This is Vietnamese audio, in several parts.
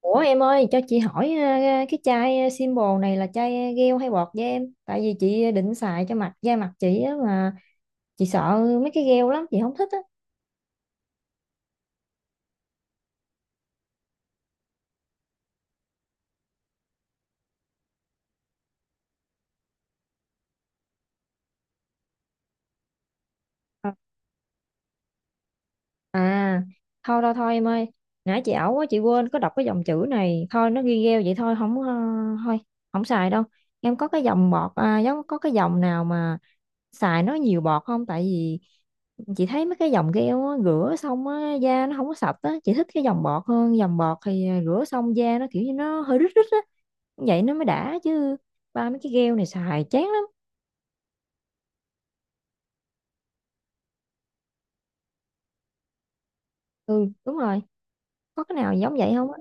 Ủa em ơi, cho chị hỏi cái chai symbol này là chai gel hay bọt vậy em? Tại vì chị định xài cho mặt da mặt chị á, mà chị sợ mấy cái gel lắm, chị không thích á. Ờ. À, thôi thôi thôi em ơi, nãy chị ẩu quá, chị quên có đọc cái dòng chữ này. Thôi nó ghi gel vậy thôi, không thôi không xài đâu. Em có cái dòng bọt à, giống có cái dòng nào mà xài nó nhiều bọt không? Tại vì chị thấy mấy cái dòng gel á, rửa xong á, da nó không có sạch á, chị thích cái dòng bọt hơn. Dòng bọt thì à, rửa xong da nó kiểu như nó hơi rít rít á, vậy nó mới đã chứ. Ba mấy cái gel này xài chán lắm. Ừ đúng rồi, có cái nào giống vậy không á?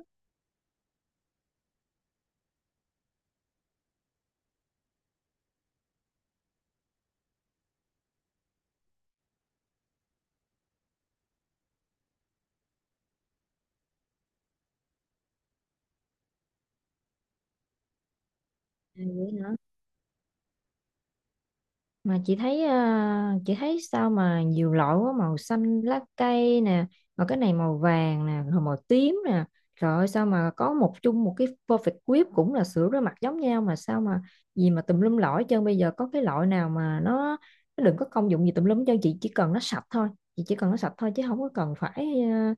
À, vậy hả? Mà chị thấy à, chị thấy sao mà nhiều loại quá, màu xanh lá cây nè, rồi cái này màu vàng nè, rồi màu tím nè. Trời ơi sao mà có một chung một cái perfect whip cũng là sữa rửa mặt giống nhau mà sao mà gì mà tùm lum lõi hết trơn. Bây giờ có cái loại nào mà nó đừng có công dụng gì tùm lum hết trơn, chị chỉ cần nó sạch thôi. Chị chỉ cần nó sạch thôi, chứ không có cần phải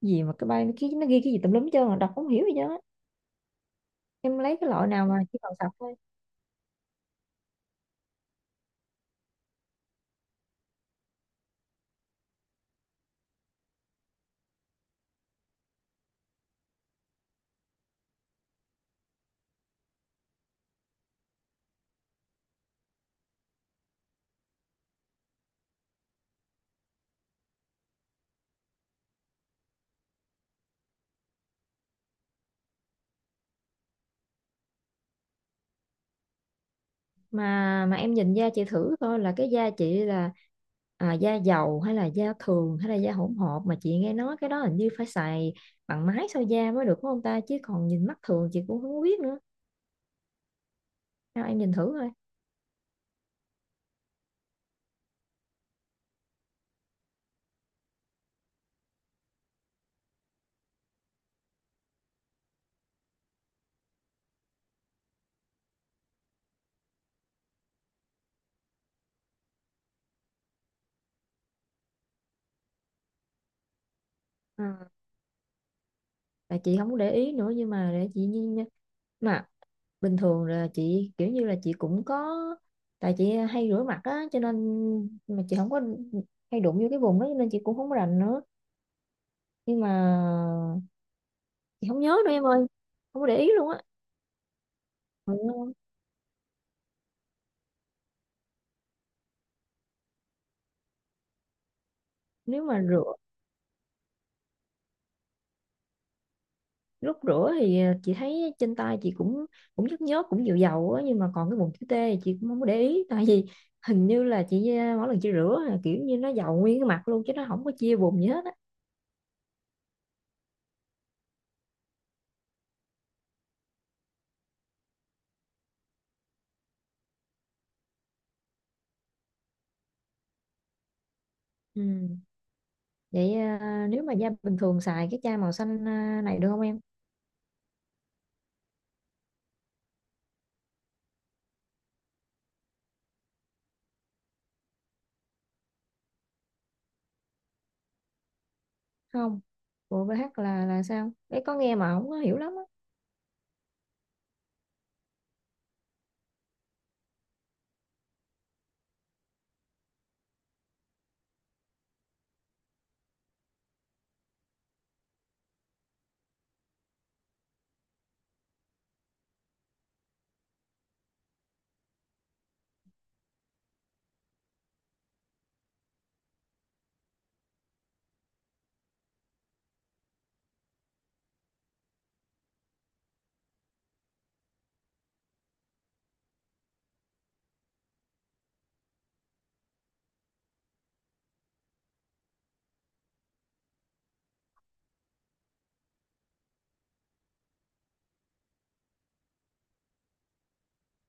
gì mà cái bay nó ghi, nó ghi cái gì tùm lum hết trơn là đọc không hiểu gì hết. Em lấy cái loại nào mà chỉ cần sạch thôi. Mà em nhìn da chị thử coi, là cái da chị là da dầu hay là da thường hay là da hỗn hợp? Mà chị nghe nói cái đó hình như phải xài bằng máy soi da mới được, đúng không ta? Chứ còn nhìn mắt thường chị cũng không biết nữa, sao em nhìn thử thôi. À, tại chị không có để ý nữa nhưng mà để chị nhìn. Mà bình thường là chị kiểu như là chị cũng có, tại chị hay rửa mặt á cho nên, mà chị không có hay đụng vô cái vùng đó cho nên chị cũng không có rành nữa. Nhưng mà chị không nhớ nữa em ơi, không có để ý luôn á. Ừ. Nếu mà rửa, lúc rửa thì chị thấy trên tay chị cũng cũng nhức nhớp, cũng dịu dầu á, nhưng mà còn cái vùng chữ T thì chị cũng không có để ý. Tại vì hình như là chị mỗi lần chị rửa là kiểu như nó dầu nguyên cái mặt luôn chứ nó không có chia vùng gì hết á. Ừ. Vậy nếu mà da bình thường xài cái chai màu xanh này được không em? Không, bộ BH là sao đấy, có nghe mà không có hiểu lắm á.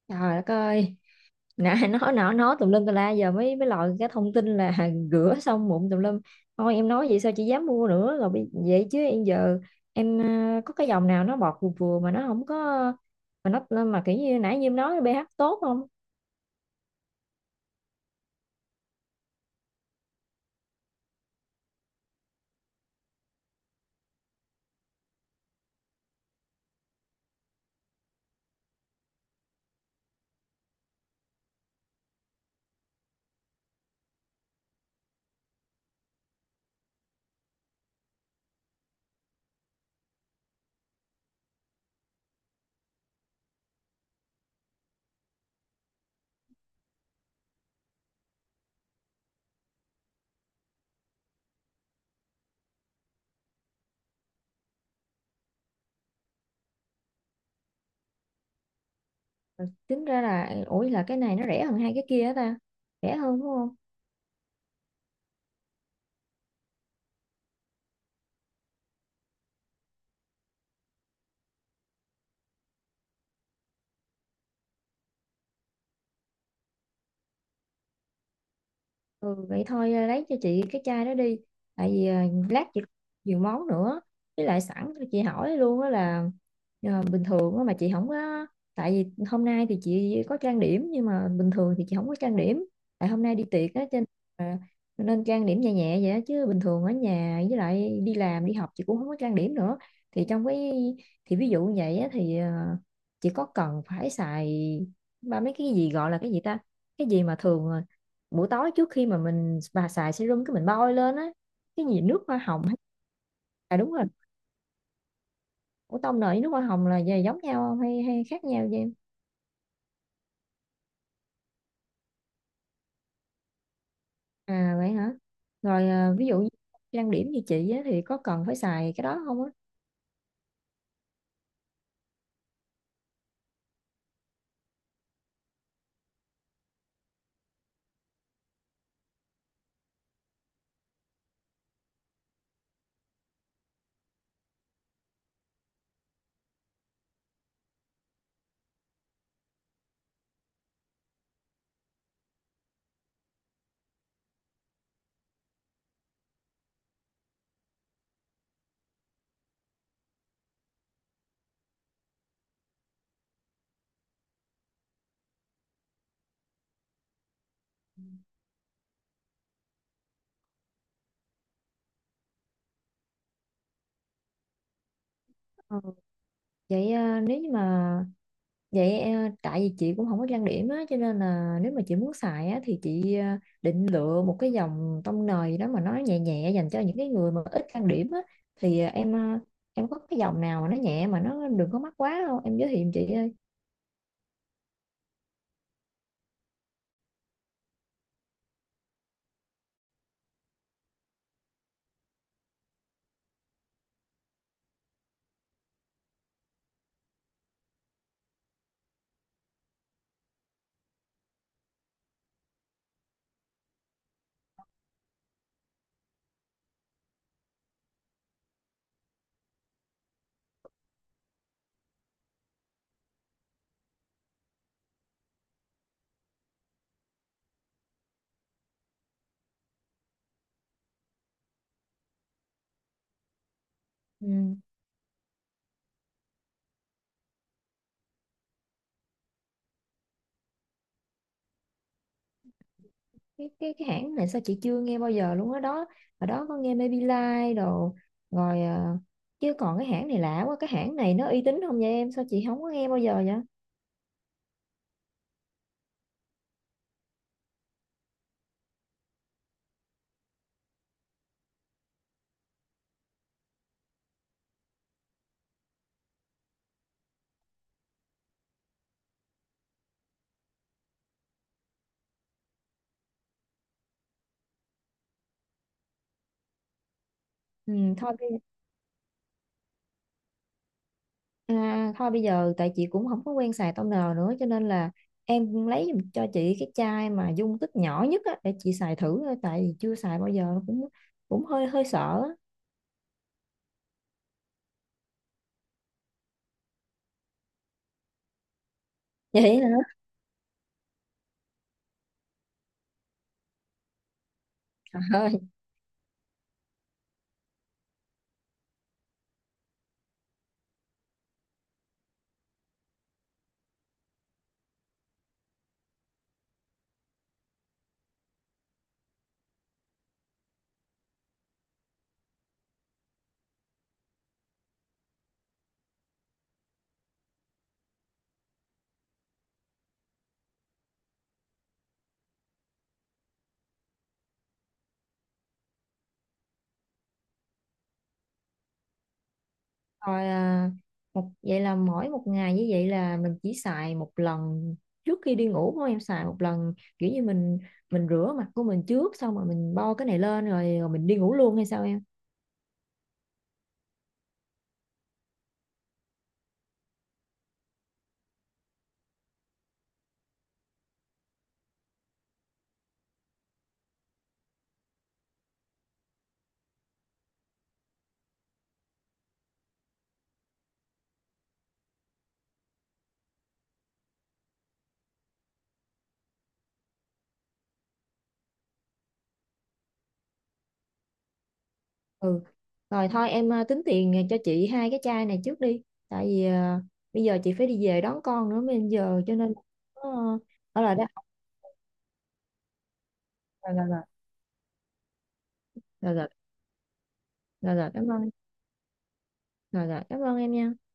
Trời đất ơi, nãy nói tùm lum tùm la giờ mới mới lòi cái thông tin là rửa xong mụn tùm lum. Thôi em nói vậy sao chị dám mua nữa, rồi bây- vậy chứ em giờ em có cái dòng nào nó bọt vừa vừa mà nó không có, mà nó mà kiểu như nãy như em nói pH tốt không? Tính ra là ủi là cái này nó rẻ hơn hai cái kia á ta. Rẻ hơn đúng không? Ừ, vậy thôi à, lấy cho chị cái chai đó đi, tại vì à, lát chị nhiều món nữa. Với lại sẵn cho chị hỏi luôn đó là à, bình thường á mà chị không có, tại vì hôm nay thì chị có trang điểm nhưng mà bình thường thì chị không có trang điểm, tại hôm nay đi tiệc á cho nên à, nên trang điểm nhẹ nhẹ vậy đó. Chứ bình thường ở nhà với lại đi làm đi học chị cũng không có trang điểm nữa. Thì trong cái, thì ví dụ như vậy á, thì à, chị có cần phải xài ba mấy cái gì gọi là cái gì ta, cái gì mà thường buổi tối trước khi mà mình bà xài serum cái mình bôi lên á, cái gì nước hoa hồng hay. À đúng rồi, ủa tông nợ với nước hoa hồng là về giống nhau không hay hay khác nhau vậy em? À vậy hả. Rồi à, ví dụ như trang điểm như chị á, thì có cần phải xài cái đó không á? Ừ. Vậy nếu như mà vậy tại vì chị cũng không có trang điểm á cho nên là nếu mà chị muốn xài á thì chị định lựa một cái dòng tông nền gì đó mà nó nhẹ nhẹ dành cho những cái người mà ít trang điểm á, thì em có cái dòng nào mà nó nhẹ mà nó đừng có mắc quá không em, giới thiệu giùm chị ơi. Ừ. cái hãng này sao chị chưa nghe bao giờ luôn á đó. Ở đó có nghe Maybelline đồ rồi chứ còn cái hãng này lạ quá, cái hãng này nó uy tín không vậy em, sao chị không có nghe bao giờ vậy? Ừ, thôi. À, thôi bây giờ tại chị cũng không có quen xài toner nữa cho nên là em lấy giùm cho chị cái chai mà dung tích nhỏ nhất á, để chị xài thử thôi, tại vì chưa xài bao giờ cũng cũng hơi hơi sợ á. Vậy hả. Trời ơi. Rồi à, một vậy là mỗi một ngày như vậy là mình chỉ xài một lần trước khi đi ngủ thôi em? Xài một lần kiểu như mình rửa mặt của mình trước xong rồi mình bo cái này lên rồi, rồi mình đi ngủ luôn hay sao em? Ừ. Rồi thôi em tính tiền cho chị hai cái chai này trước đi, tại vì bây giờ chị phải đi về đón con nữa bây giờ cho nên ờ, ở lại đó. Rồi rồi rồi rồi rồi rồi rồi cảm ơn, rồi rồi cảm ơn em nha.